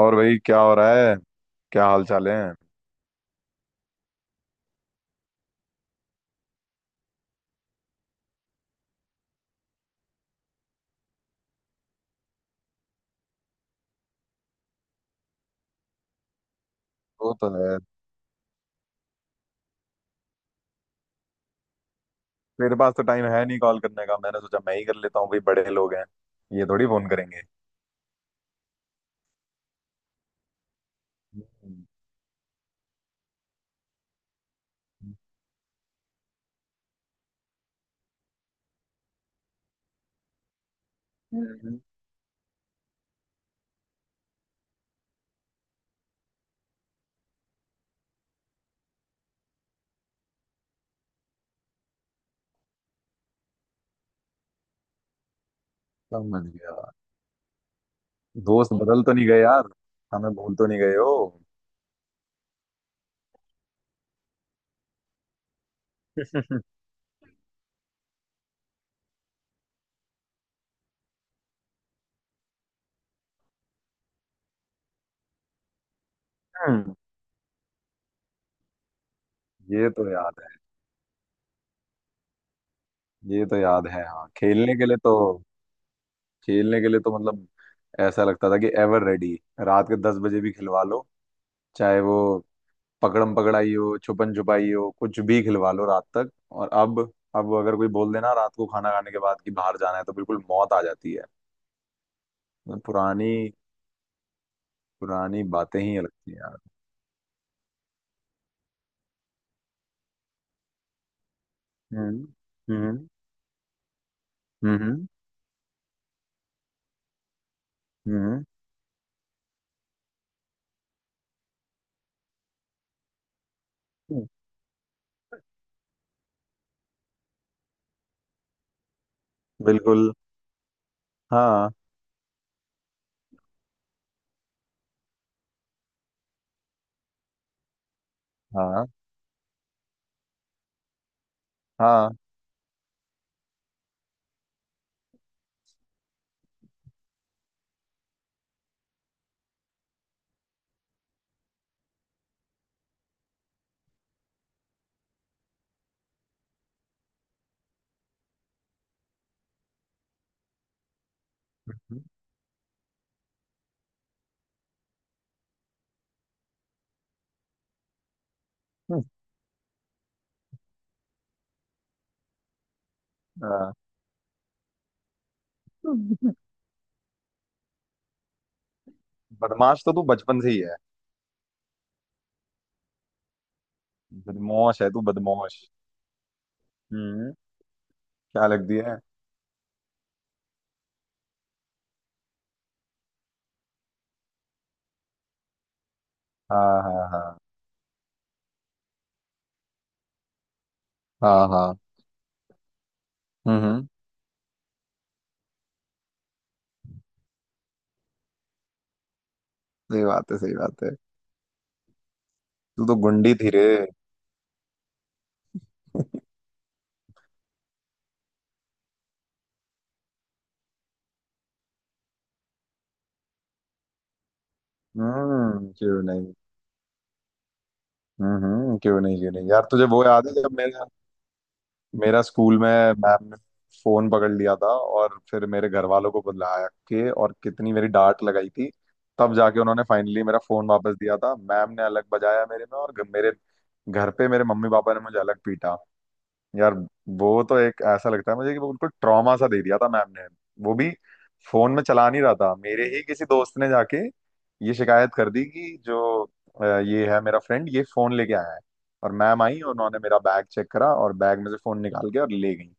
और भाई क्या हो रहा है? क्या हाल चाल है? वो तो है। मेरे पास तो टाइम है नहीं कॉल करने का, मैंने सोचा मैं ही कर लेता हूँ। भाई बड़े लोग हैं, ये थोड़ी फोन करेंगे। हम्म, हम्म, समझ गया। दोस्त बदल तो नहीं गए यार? हमें भूल तो नहीं गए हो? हम्म, ये तो याद है। ये तो याद है, हाँ, खेलने के लिए तो। खेलने के लिए तो मतलब ऐसा लगता था कि एवर रेडी। रात के 10 बजे भी खिलवा लो, चाहे वो पकड़म पकड़ाई हो, छुपन छुपाई हो, कुछ भी खिलवा लो रात तक। और अब अगर कोई बोल देना रात को खाना खाने के बाद कि बाहर जाना है, तो बिल्कुल मौत आ जाती है। मतलब पुरानी, पुरानी बातें ही लगती हैं यार। हम्म, हम्म, हम्म, हम्म, हम्म। बिल्कुल। हाँ, हाँ, हाँ, हाँ। बदमाश तो तू बचपन से ही है। बदमाश है तू, बदमाश। हम्म, क्या लगती है? हाँ, हाँ, हाँ, हाँ, हाँ। हम्म, सही बात है, सही बात है। तू तो गुंडी थी रे। हम्म, क्यों नहीं? हम्म, क्यों नहीं, क्यों नहीं यार? तुझे वो याद है जब मेरा, मेरा स्कूल में मैम ने फोन पकड़ लिया था, और फिर मेरे घर वालों को बुला के और कितनी मेरी डांट लगाई थी। तब जाके उन्होंने फाइनली मेरा फोन वापस दिया था। मैम ने अलग बजाया मेरे में, और मेरे घर पे मेरे मम्मी पापा ने मुझे अलग पीटा यार। वो तो, एक ऐसा लगता है मुझे कि वो बिल्कुल ट्रॉमा सा दे दिया था मैम ने। वो भी फोन में चला नहीं रहा था, मेरे ही किसी दोस्त ने जाके ये शिकायत कर दी कि जो ये है मेरा फ्रेंड, ये फोन लेके आया है। और मैम आई और उन्होंने मेरा बैग चेक करा, और बैग में से फोन निकाल के और ले गई।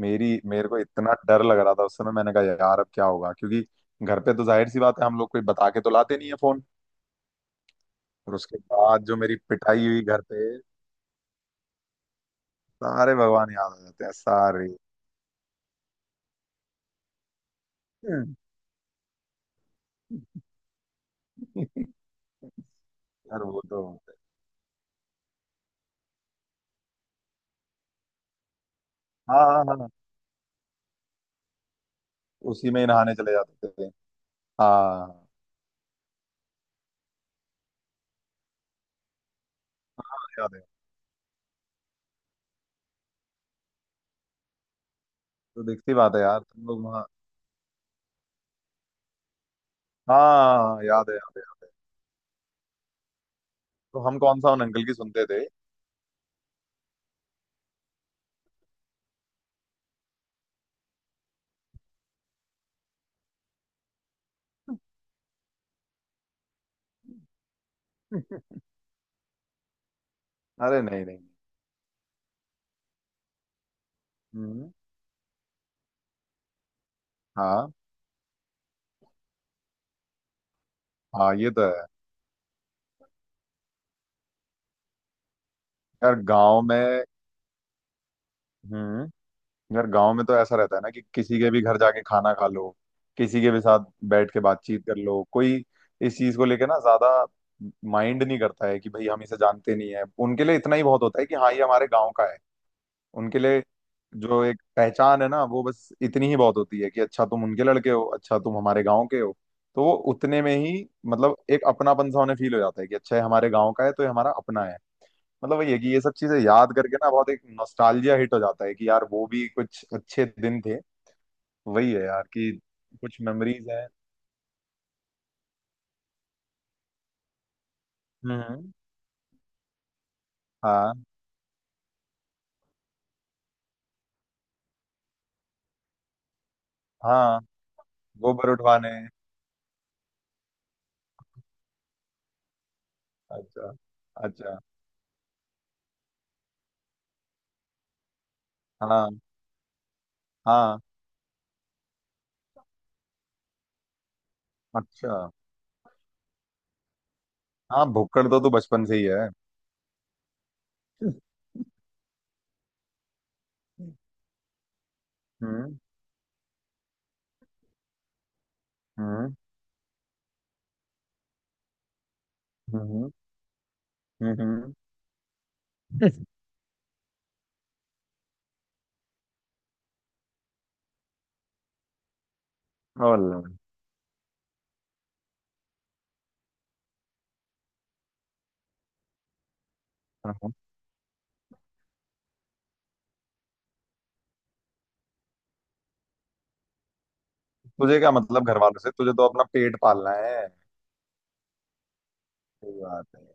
मेरी मेरे को इतना डर लग रहा था उस समय, मैंने कहा यार अब क्या होगा, क्योंकि घर पे तो जाहिर सी बात है हम लोग कोई बता के तो लाते नहीं है फोन। और उसके बाद जो मेरी पिटाई हुई घर पे, सारे भगवान याद आ जाते हैं सारे। यार वो तो, हाँ, हाँ, हाँ, हाँ, उसी में ही नहाने चले जाते थे। हाँ, याद है। तो देखती बात है यार, तुम लोग वहाँ। हाँ, याद है, याद है। तो हम कौन सा उन अंकल की सुनते थे? अरे नहीं, नहीं। हम्म, हाँ, हाँ, ये तो है। यार गांव में, हम्म, यार गांव में तो ऐसा रहता है ना कि किसी के भी घर जाके खाना खा लो, किसी के भी साथ बैठ के बातचीत कर लो। कोई इस चीज को लेके ना ज्यादा माइंड नहीं करता है कि भाई हम इसे जानते नहीं है। उनके लिए इतना ही बहुत होता है कि हाँ, ये हमारे गांव का है। उनके लिए जो एक पहचान है ना, वो बस इतनी ही बहुत होती है कि अच्छा तुम उनके लड़के हो, अच्छा तुम हमारे गांव के हो, तो वो उतने में ही मतलब एक अपनापन सा उन्हें फील हो जाता है कि अच्छा ये हमारे गांव का है, तो ये हमारा अपना है। मतलब वही है कि ये सब चीजें याद करके ना बहुत एक नॉस्टैल्जिया हिट हो जाता है कि यार वो भी कुछ अच्छे दिन थे। वही है यार कि कुछ मेमोरीज है। हम्म, हाँ, हाँ। गोबर उठवाने। अच्छा, अच्छा। हाँ, हाँ। अच्छा। हाँ, भुक्कड़ तो तू बचपन से ही है। हम्म, हम्म, हम्म, हम्म। और तुझे क्या मतलब घर वालों से, तुझे तो अपना पेट पालना है। सही बात है।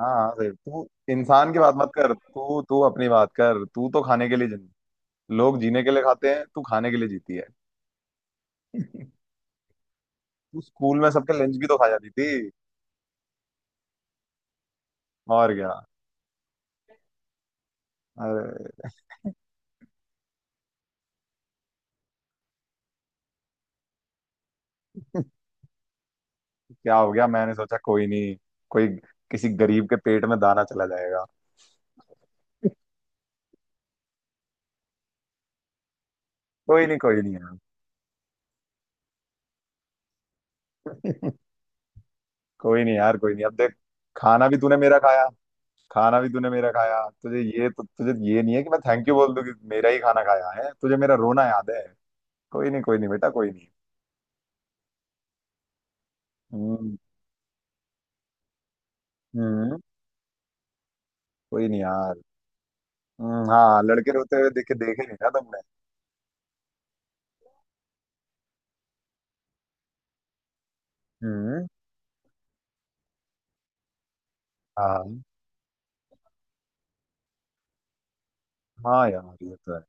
हाँ, सही। तू इंसान की बात मत कर, तू तू अपनी बात कर। तू तो खाने के लिए, जिन लोग जीने के लिए खाते हैं, तू खाने के लिए जीती है। तू स्कूल में सबके लंच भी तो खा जाती थी। और क्या? अरे। क्या हो गया? मैंने सोचा कोई नहीं, कोई किसी गरीब के पेट में दाना चला जाएगा। कोई नहीं, कोई नहीं यार। कोई नहीं यार, कोई नहीं, अब देख। खाना भी तूने मेरा खाया। खाना भी तूने मेरा खाया, तुझे ये, तो तुझे ये नहीं है कि मैं थैंक यू बोल दूं कि मेरा ही खाना खाया है। तुझे मेरा रोना याद है? कोई नहीं, कोई नहीं बेटा, कोई नहीं। हम्म, हम्म। कोई नहीं यार। हाँ, लड़के रोते हुए देखे देखे नहीं ना तुमने। हम्म, हाँ, हाँ यार, ये तो है।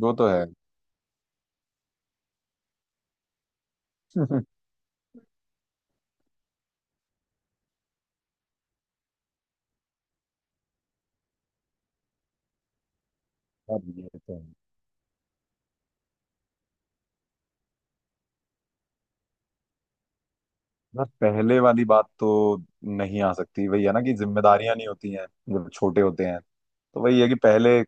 वो तो है। यार ये तो है, बस पहले वाली बात तो नहीं आ सकती। वही है ना कि जिम्मेदारियां नहीं होती हैं जब छोटे होते हैं, तो वही है कि पहले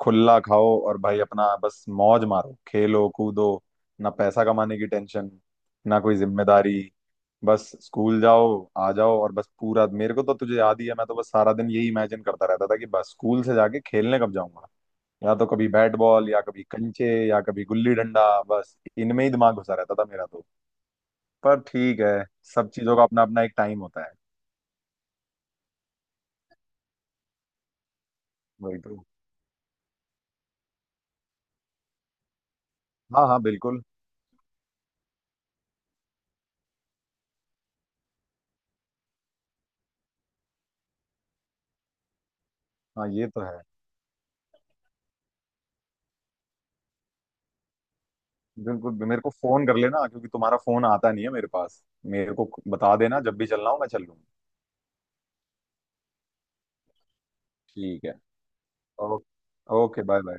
खुला खाओ, और भाई अपना बस मौज मारो, खेलो कूदो। ना पैसा कमाने की टेंशन, ना कोई जिम्मेदारी, बस स्कूल जाओ, आ जाओ, और बस पूरा, मेरे को तो, तुझे याद ही है मैं तो बस सारा दिन यही इमेजिन करता रहता था कि बस स्कूल से जाके खेलने कब जाऊंगा। या तो कभी बैट बॉल, या कभी कंचे, या कभी गुल्ली डंडा, बस इनमें ही दिमाग घुसा रहता था मेरा तो। पर ठीक है, सब चीजों का अपना अपना एक टाइम होता है। वही तो। हाँ, हाँ, बिल्कुल। हाँ, ये तो है। बिल्कुल मेरे को फोन कर लेना, क्योंकि तुम्हारा फोन आता नहीं है मेरे पास। मेरे को बता देना जब भी चलना हो, मैं चल लूंगा। ठीक है। Okay, okay, bye bye.